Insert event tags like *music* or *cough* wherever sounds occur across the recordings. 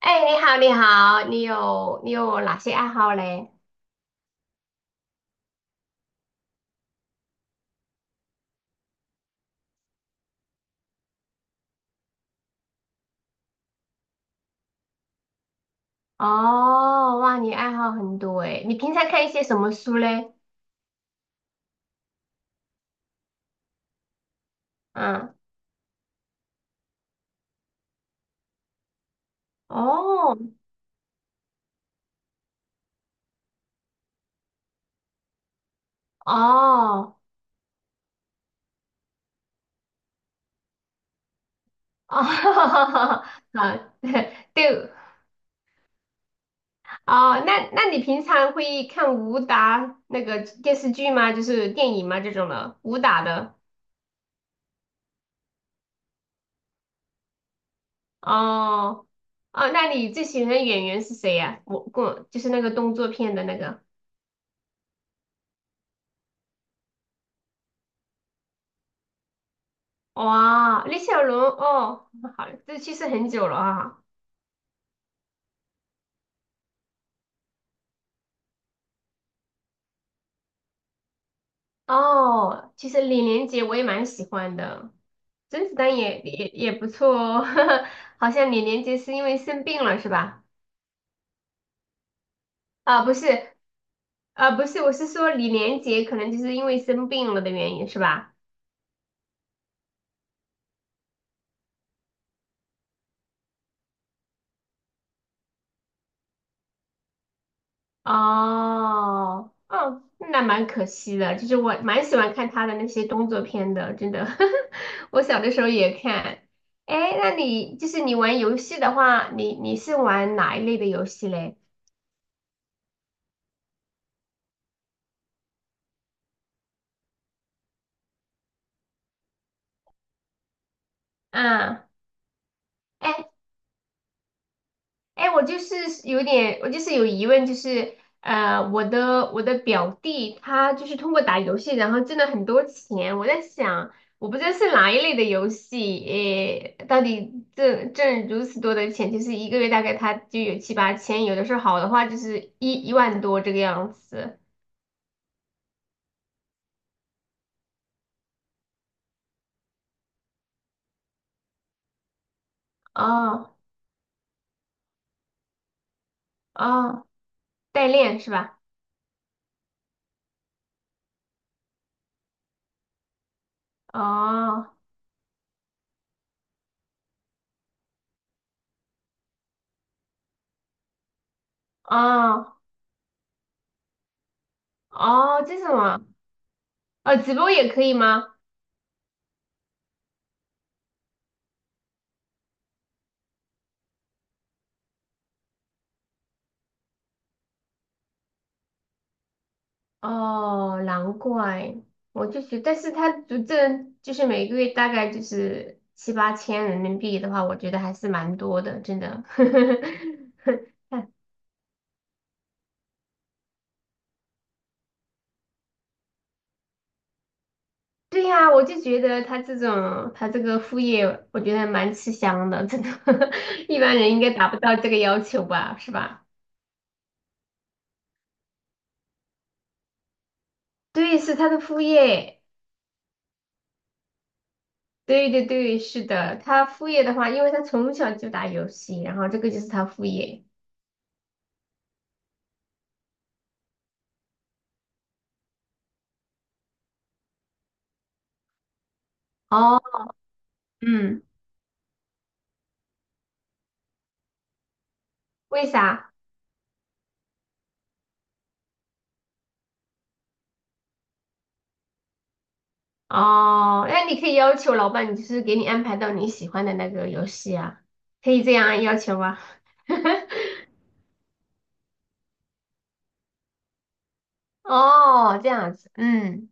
哎，你好，你好，你有哪些爱好嘞？哦，哇，你爱好很多哎。你平常看一些什么书嘞？嗯，哦，哦，哦，*laughs* 好，*laughs* 对。哦，那你平常会看武打那个电视剧吗？就是电影吗？这种的武打的？哦，哦，那你最喜欢的演员是谁呀、我就是那个动作片的那个。哇，李小龙哦，好，这去世很久了啊。哦，其实李连杰我也蛮喜欢的，甄子丹也不错哦。*laughs* 好像李连杰是因为生病了是吧？啊，不是。啊，不是，我是说李连杰可能就是因为生病了的原因是吧？哦，哦，那蛮可惜的。就是我蛮喜欢看他的那些动作片的，真的。*laughs* 我小的时候也看。哎，那你就是你玩游戏的话，你是玩哪一类的游戏嘞？嗯，哎，哎，我就是有疑问，就是我的表弟他就是通过打游戏，然后挣了很多钱。我在想，我不知道是哪一类的游戏，诶，到底挣如此多的钱，就是一个月大概他就有七八千，有的时候好的话就是一万多这个样子。哦，哦，代练是吧？哦，哦，哦，这是什么？哦，直播也可以吗？哦，难怪，我就觉得，但是这就是每个月大概就是7、8千人民币的话，我觉得还是蛮多的，真的。*laughs* 对呀，我就觉得他这个副业，我觉得蛮吃香的，真的。*laughs* 一般人应该达不到这个要求吧，是吧？对，是他的副业。对，对，对，是的，他副业的话，因为他从小就打游戏，然后这个就是他副业。哦，嗯，为啥？哦，那你可以要求老板，就是给你安排到你喜欢的那个游戏啊，可以这样要求吗？*laughs* 哦，这样子，嗯。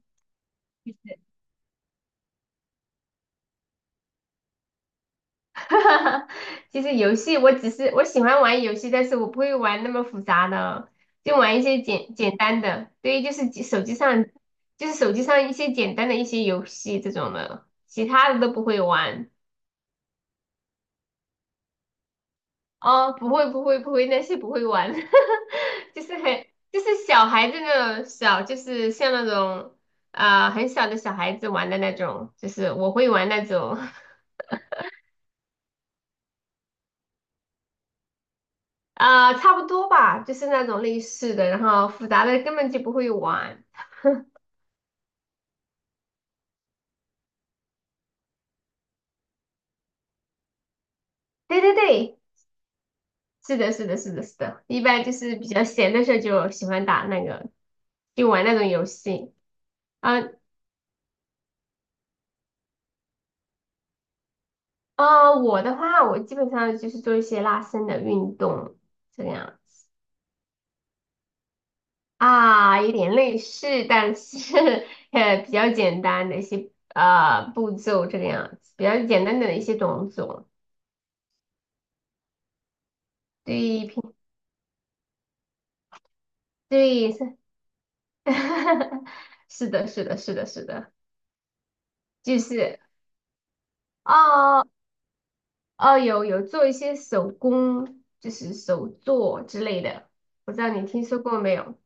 *laughs* 其实游戏我只是我喜欢玩游戏，但是我不会玩那么复杂的，就玩一些简单的，对，就是手机上一些简单的一些游戏这种的，其他的都不会玩。哦，不会，不会，不会，那些不会玩。*laughs* 就是很就是小孩子那种小，就是像那种啊、很小的小孩子玩的那种，就是我会玩那种。 *laughs* 啊、差不多吧，就是那种类似的，然后复杂的根本就不会玩。对，对，对，是的，是的，是的，是的，一般就是比较闲的时候就喜欢打那个，就玩那种游戏啊。啊、我的话，我基本上就是做一些拉伸的运动这样子。啊，有点类似，但是比较简单的一些步骤这个样子，比较简单的一些动作。对，对是。*laughs* 是的，是的，是的，是的。就是，哦，哦，有做一些手工，就是手作之类的，不知道你听说过没有？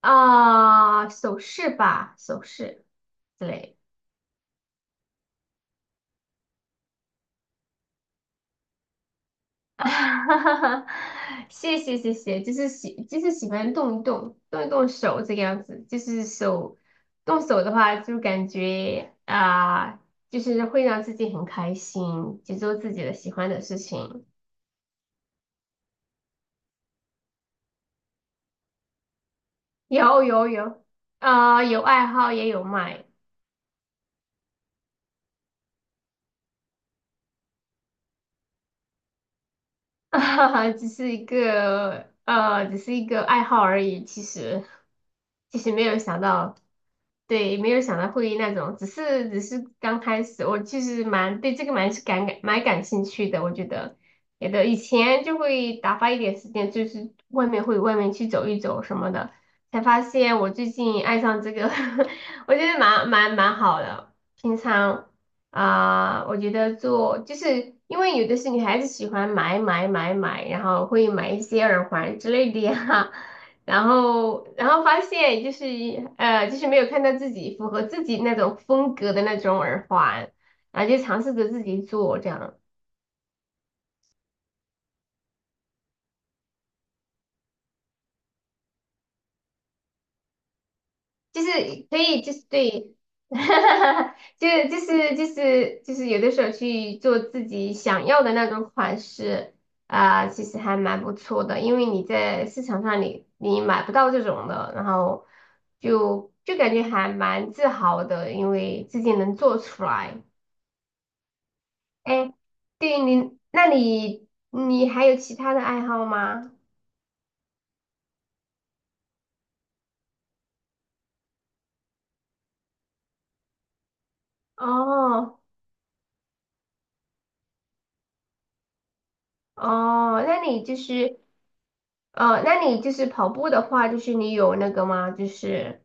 啊、首饰吧，首饰之类的。*laughs* 哈哈哈，谢谢，就是喜欢动一动手这个样子，就是动手的话，就感觉啊、就是会让自己很开心，去做自己的喜欢的事情。有，有，有。啊、有爱好也有卖。*laughs* 啊，只是一个爱好而已。其实，没有想到。对，没有想到会那种，只是刚开始，我其实蛮对这个蛮是蛮感兴趣的。我觉得，觉的以前就会打发一点时间，就是外面去走一走什么的，才发现我最近爱上这个。*laughs* 我觉得蛮好的。平常。啊、我觉得就是因为有的是女孩子喜欢买买买买，然后会买一些耳环之类的呀。*laughs* 然后发现就是就是没有看到自己符合自己那种风格的那种耳环，然后就尝试着自己做这样。就是可以，就是对。*laughs* 就是有的时候去做自己想要的那种款式啊、其实还蛮不错的，因为你在市场上你买不到这种的，然后就感觉还蛮自豪的，因为自己能做出来。哎，对你，那你还有其他的爱好吗？哦，哦，那你就是。那你就是跑步的话，就是你有那个吗？就是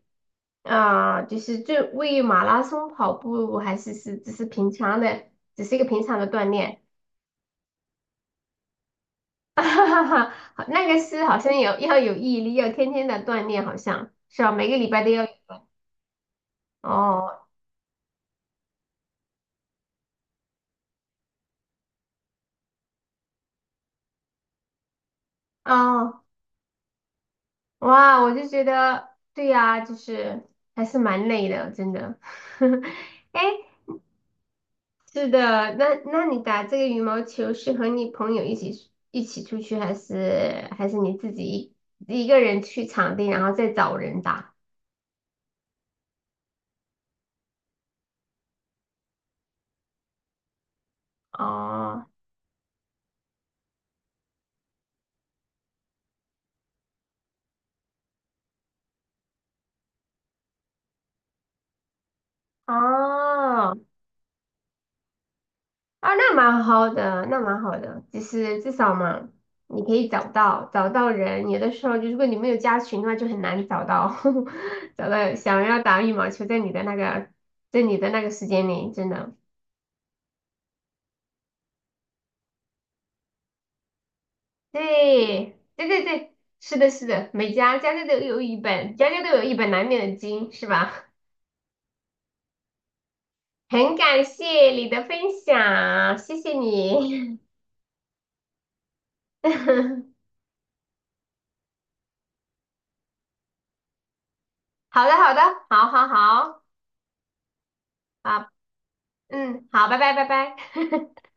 啊、就是为马拉松跑步，还是只是平常的，只是一个平常的锻炼？*laughs* 哈哈哈，好，那个好像要有毅力，要天天的锻炼，好像是吧？每个礼拜都要。哦，哦，哇，我就觉得对呀、就是还是蛮累的，真的。*laughs* 哎，是的，那你打这个羽毛球是和你朋友一起出去，还是你自己一个人去场地，然后再找人打？哦，哦，啊，那蛮好的，那蛮好的，就是至少嘛，你可以找到人。有的时候，就如果你没有加群的话，就很难*laughs* 找到想要打羽毛球在你的那个时间里，真的。对，对，对，对，是的，是的，家家都有一本，家家都有一本难念的经，是吧？很感谢你的分享，谢谢你。*laughs* 好的，好的，好，好，好，好，嗯，好，拜拜，拜拜。*laughs*